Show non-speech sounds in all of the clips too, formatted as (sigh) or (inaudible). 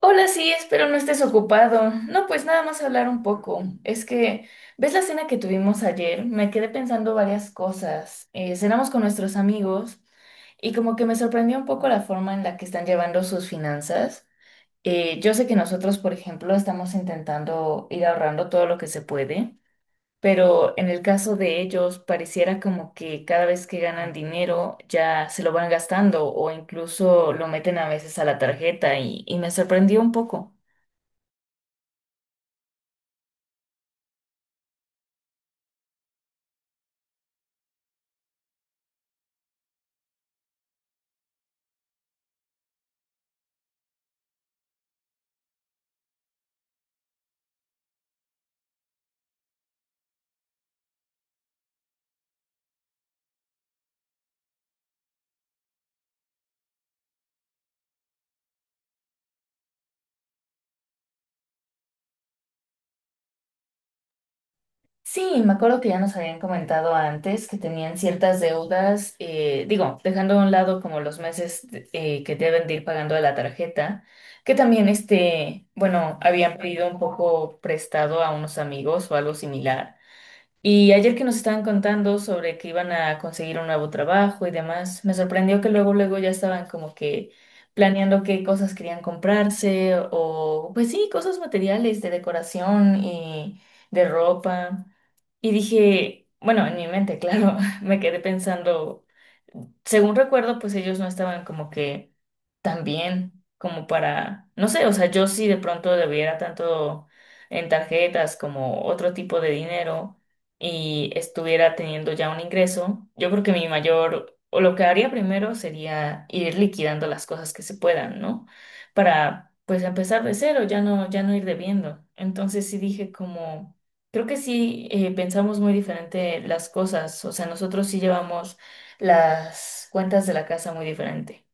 Hola, sí, espero no estés ocupado. No, pues nada más hablar un poco. Es que, ¿ves la cena que tuvimos ayer? Me quedé pensando varias cosas. Cenamos con nuestros amigos y como que me sorprendió un poco la forma en la que están llevando sus finanzas. Yo sé que nosotros, por ejemplo, estamos intentando ir ahorrando todo lo que se puede, pero en el caso de ellos pareciera como que cada vez que ganan dinero ya se lo van gastando o incluso lo meten a veces a la tarjeta y me sorprendió un poco. Sí, me acuerdo que ya nos habían comentado antes que tenían ciertas deudas, digo, dejando a un lado como los meses que deben de ir pagando de la tarjeta, que también este, bueno, habían pedido un poco prestado a unos amigos o algo similar. Y ayer que nos estaban contando sobre que iban a conseguir un nuevo trabajo y demás, me sorprendió que luego, luego ya estaban como que planeando qué cosas querían comprarse o, pues sí, cosas materiales de decoración y de ropa. Y dije, bueno, en mi mente, claro, (laughs) me quedé pensando, según recuerdo, pues ellos no estaban como que también como para, no sé, o sea, yo si de pronto debiera tanto en tarjetas como otro tipo de dinero y estuviera teniendo ya un ingreso, yo creo que mi mayor, o lo que haría primero sería ir liquidando las cosas que se puedan, ¿no? Para pues empezar de cero, ya no ir debiendo. Entonces sí dije como, creo que sí pensamos muy diferente las cosas, o sea, nosotros sí llevamos las cuentas de la casa muy diferente.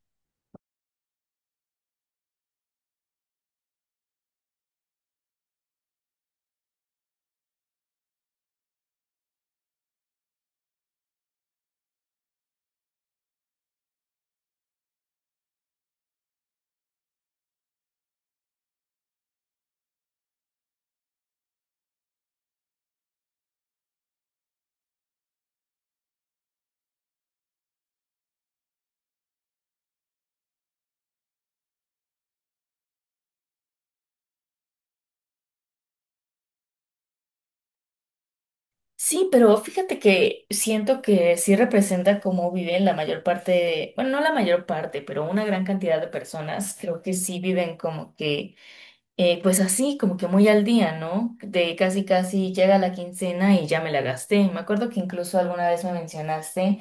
Sí, pero fíjate que siento que sí representa cómo viven la mayor parte, de- bueno, no la mayor parte, pero una gran cantidad de personas, creo que sí viven como que, pues así, como que muy al día, ¿no? De casi casi llega la quincena y ya me la gasté. Me acuerdo que incluso alguna vez me mencionaste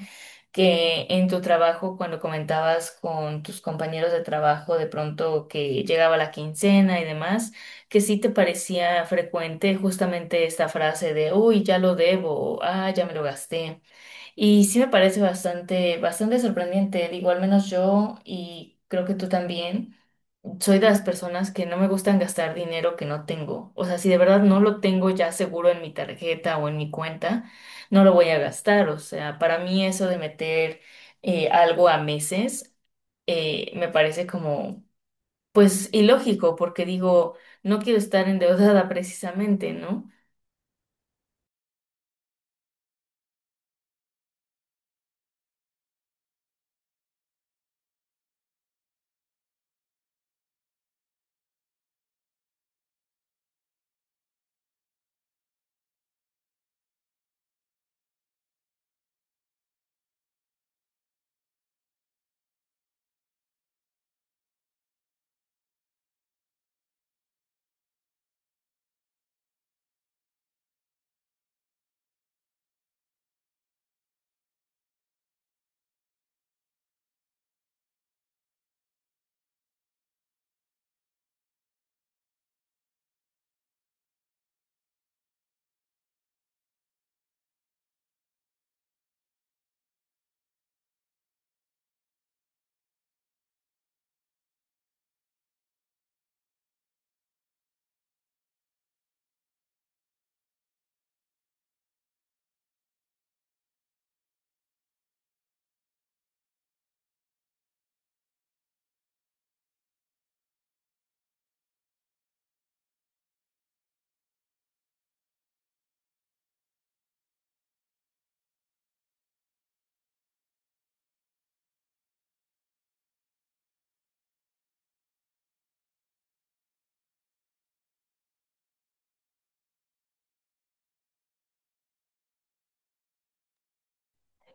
que en tu trabajo, cuando comentabas con tus compañeros de trabajo, de pronto que llegaba la quincena y demás, que sí te parecía frecuente justamente esta frase de, uy, ya lo debo, o, ah, ya me lo gasté. Y sí me parece bastante, bastante sorprendente, digo, al menos yo y creo que tú también soy de las personas que no me gustan gastar dinero que no tengo. O sea, si de verdad no lo tengo ya seguro en mi tarjeta o en mi cuenta, no lo voy a gastar. O sea, para mí eso de meter algo a meses me parece como, pues, ilógico, porque digo, no quiero estar endeudada (laughs) precisamente, ¿no?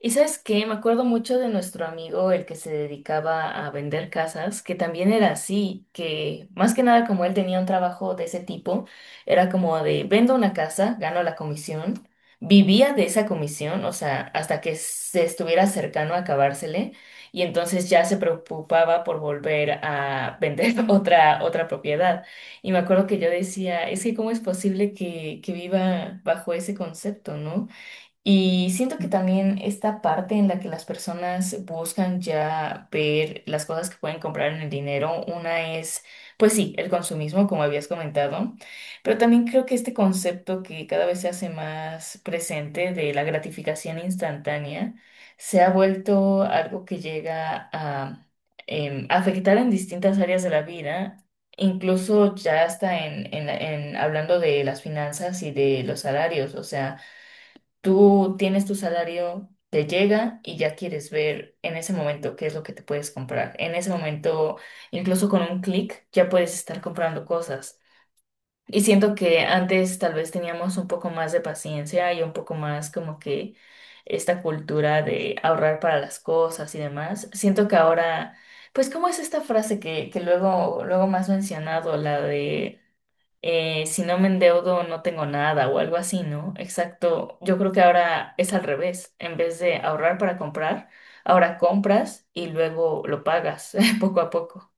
¿Y sabes qué? Me acuerdo mucho de nuestro amigo, el que se dedicaba a vender casas, que también era así, que más que nada como él tenía un trabajo de ese tipo, era como de vendo una casa, gano la comisión, vivía de esa comisión, o sea, hasta que se estuviera cercano a acabársele, y entonces ya se preocupaba por volver a vender (laughs) otra, otra propiedad. Y me acuerdo que yo decía, es que ¿cómo es posible que viva bajo ese concepto, ¿no? Y siento que también esta parte en la que las personas buscan ya ver las cosas que pueden comprar en el dinero, una es, pues sí, el consumismo, como habías comentado, pero también creo que este concepto que cada vez se hace más presente de la gratificación instantánea se ha vuelto algo que llega a afectar en distintas áreas de la vida. Incluso ya hasta en hablando de las finanzas y de los salarios, o sea, tú tienes tu salario, te llega y ya quieres ver en ese momento qué es lo que te puedes comprar. En ese momento, incluso con un clic, ya puedes estar comprando cosas. Y siento que antes tal vez teníamos un poco más de paciencia y un poco más como que esta cultura de ahorrar para las cosas y demás. Siento que ahora, pues, ¿cómo es esta frase que luego, luego más mencionado, la de si no me endeudo no tengo nada o algo así, ¿no? Exacto. Yo creo que ahora es al revés. En vez de ahorrar para comprar, ahora compras y luego lo pagas (laughs) poco a poco.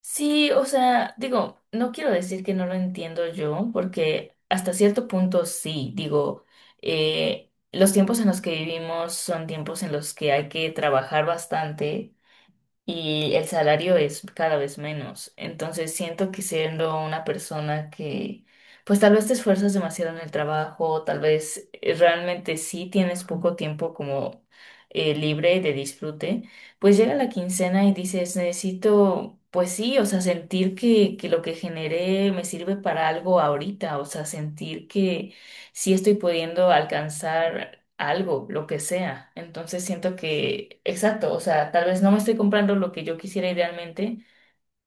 Sí, o sea, digo, no quiero decir que no lo entiendo yo, porque hasta cierto punto sí, digo, los tiempos en los que vivimos son tiempos en los que hay que trabajar bastante y el salario es cada vez menos. Entonces siento que siendo una persona que, pues tal vez te esfuerzas demasiado en el trabajo, tal vez realmente sí tienes poco tiempo como libre de disfrute, pues llega la quincena y dices, necesito... Pues sí, o sea, sentir que lo que generé me sirve para algo ahorita, o sea, sentir que sí estoy pudiendo alcanzar algo, lo que sea. Entonces siento que, exacto, o sea, tal vez no me estoy comprando lo que yo quisiera idealmente,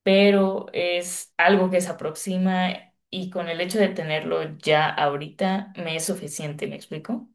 pero es algo que se aproxima y con el hecho de tenerlo ya ahorita me es suficiente, ¿me explico?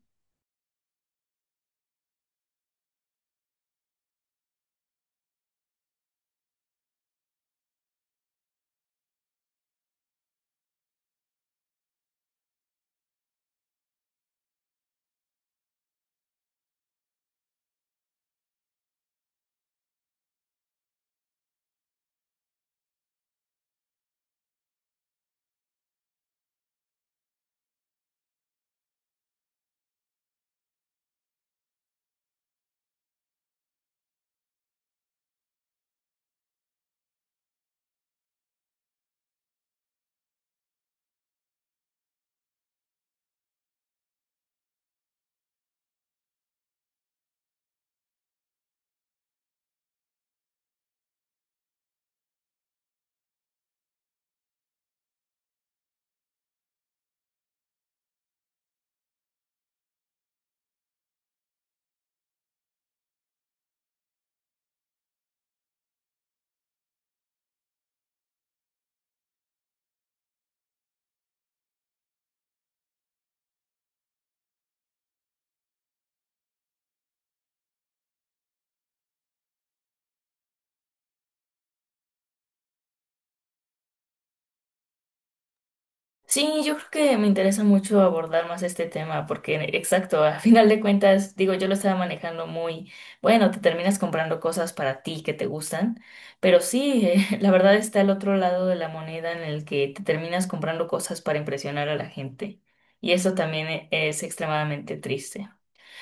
Sí, yo creo que me interesa mucho abordar más este tema porque, exacto, a final de cuentas, digo, yo lo estaba manejando muy, bueno, te terminas comprando cosas para ti que te gustan, pero sí, (laughs) la verdad está el otro lado de la moneda en el que te terminas comprando cosas para impresionar a la gente y eso también e- es extremadamente triste.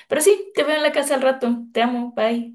Pero sí, te veo en la casa al rato, te amo, bye.